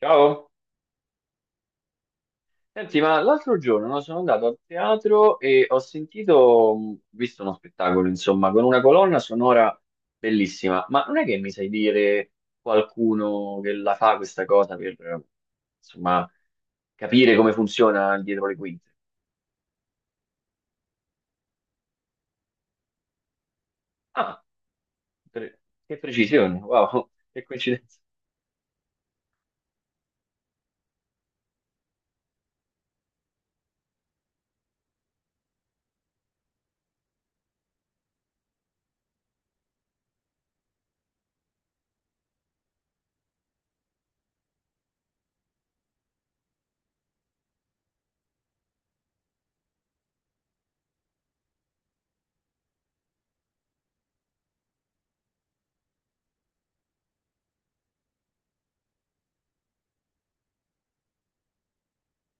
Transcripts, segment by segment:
Ciao, senti, ma l'altro giorno no, sono andato al teatro e ho sentito, visto uno spettacolo, insomma, con una colonna sonora bellissima, ma non è che mi sai dire qualcuno che la fa questa cosa per, insomma, capire come funziona dietro le quinte? Ah, pre- che precisione, wow, che coincidenza,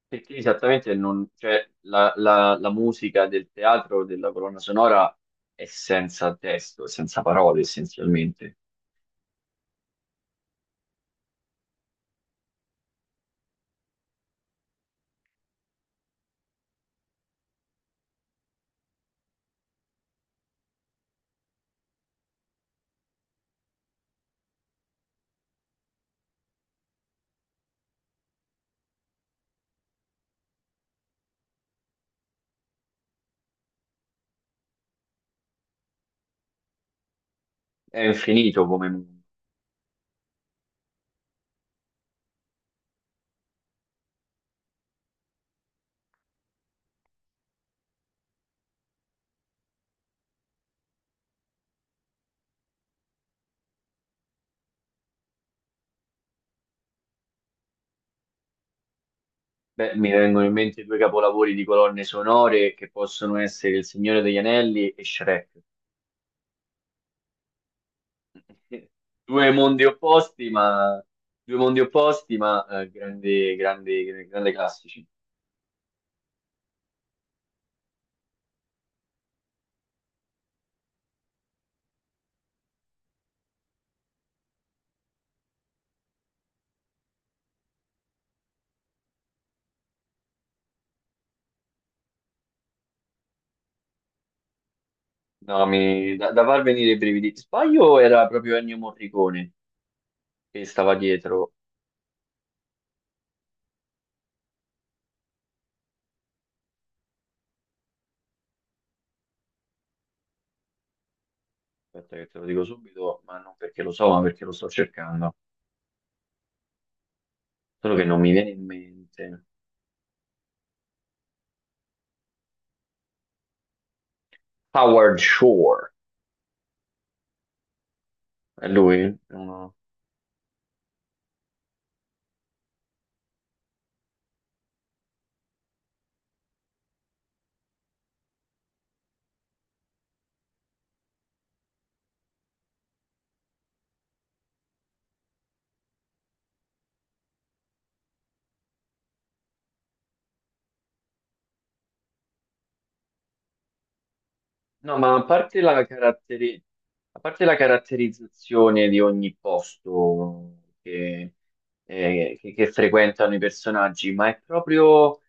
perché esattamente non, cioè, la musica del teatro, della colonna sonora è senza testo, è senza parole essenzialmente. È infinito come mondo. Beh, mi vengono in mente due capolavori di colonne sonore che possono essere Il Signore degli Anelli e Shrek. Due mondi opposti, ma, due mondi opposti, ma grandi, grandi, grandi classici. No, da, da far venire i brividi. Sbaglio era proprio Ennio Morricone che stava dietro. Aspetta che te lo dico subito, ma non perché lo so, ma perché lo sto cercando. Solo che non mi viene in mente. Howard Shore, è lui? No, no. No, ma a parte la caratterizzazione di ogni posto che, che frequentano i personaggi, ma è proprio,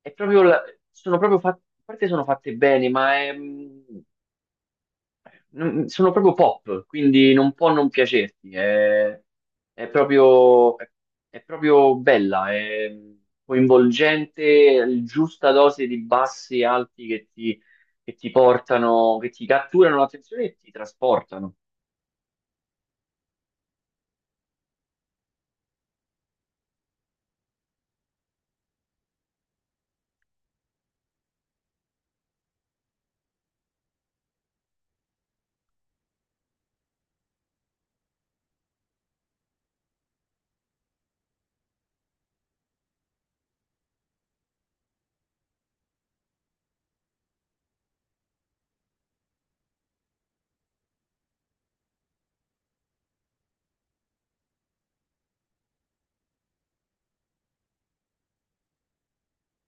è proprio la- sono proprio fatte, a parte sono fatte bene, ma è, mm, sono proprio pop, quindi non può non piacerti. È proprio, è, è proprio bella, è coinvolgente, è giusta dose di bassi e alti che ti portano, che ti catturano l'attenzione e ti trasportano.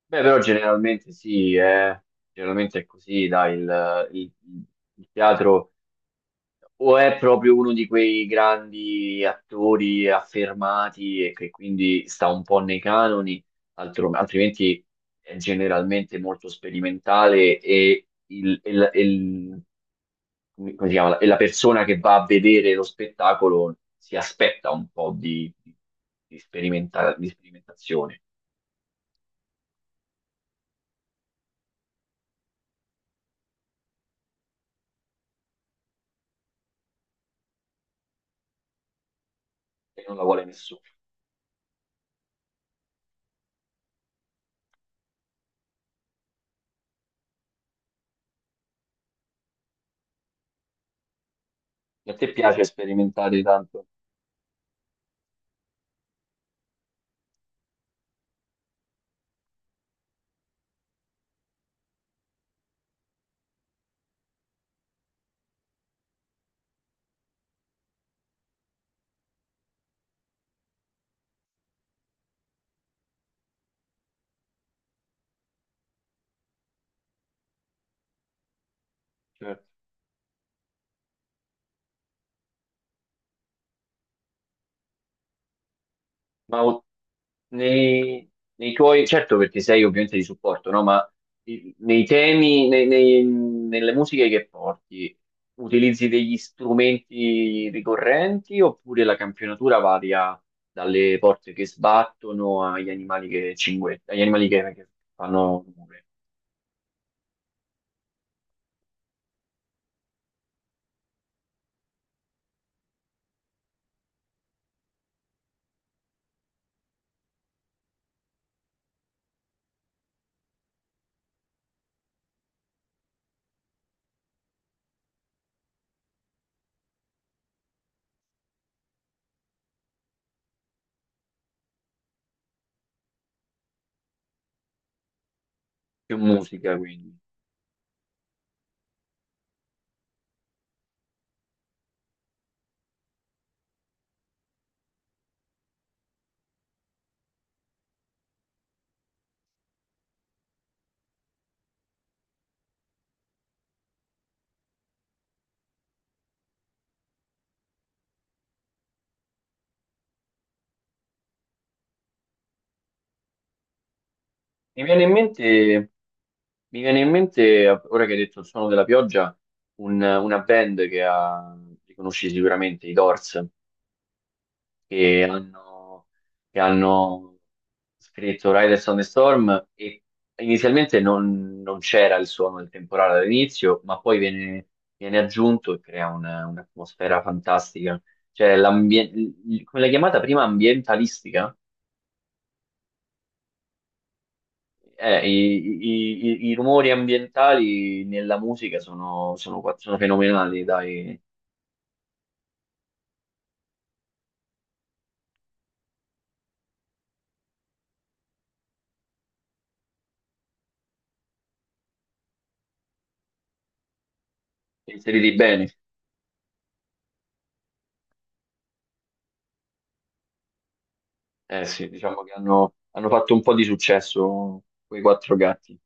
Beh, però generalmente sì, è, generalmente è così, dai, il teatro. O è proprio uno di quei grandi attori affermati e che quindi sta un po' nei canoni, altrimenti è generalmente molto sperimentale e come si chiama? E la persona che va a vedere lo spettacolo si aspetta un po' di, di sperimentazione e non la vuole nessuno. E a te piace sperimentare tanto? Certo. Ma nei, nei tuoi, certo perché sei ovviamente di supporto, no? Ma nei temi, nelle musiche che porti, utilizzi degli strumenti ricorrenti oppure la campionatura varia dalle porte che sbattono agli animali che cinguettano, agli animali che fanno rumore? Più musica quindi. Mi viene in mente, mi viene in mente, ora che hai detto il suono della pioggia, una band che ha, li conosci sicuramente, i Doors. Che hanno, che hanno scritto Riders on the Storm e inizialmente non, non c'era il suono del temporale all'inizio, ma poi viene, viene aggiunto e crea un'atmosfera fantastica. Cioè, come l'hai chiamata prima, ambientalistica? I, i rumori ambientali nella musica sono, sono, sono fenomenali, dai, inseriti bene. Eh sì, diciamo che hanno, hanno fatto un po' di successo quei quattro gatti.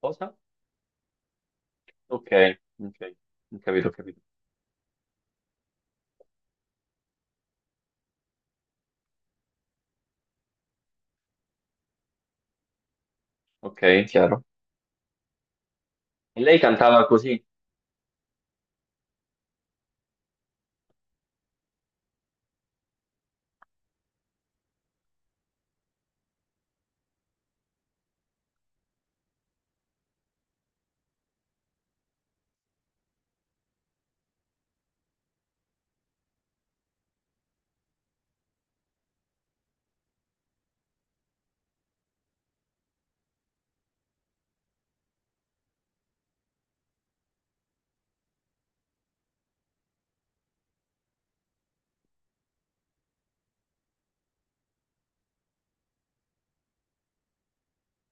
Cosa? Ok, ok, ho capito, ho capito. Ok, chiaro. E lei cantava così.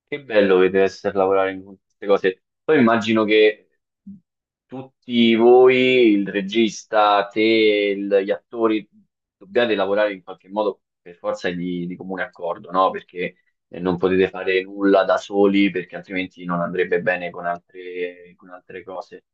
Che bello che deve essere lavorare in queste cose. Poi immagino che tutti voi, il regista, te, gli attori, dobbiate lavorare in qualche modo per forza di comune accordo, no? Perché non potete fare nulla da soli, perché altrimenti non andrebbe bene con altre cose.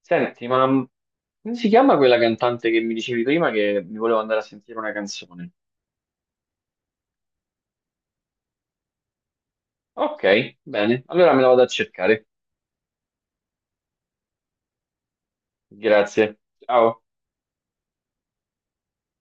Senti, ma come si chiama quella cantante che mi dicevi prima che mi voleva andare a sentire una canzone? Ok, bene. Allora me la vado a cercare. Grazie. Ciao.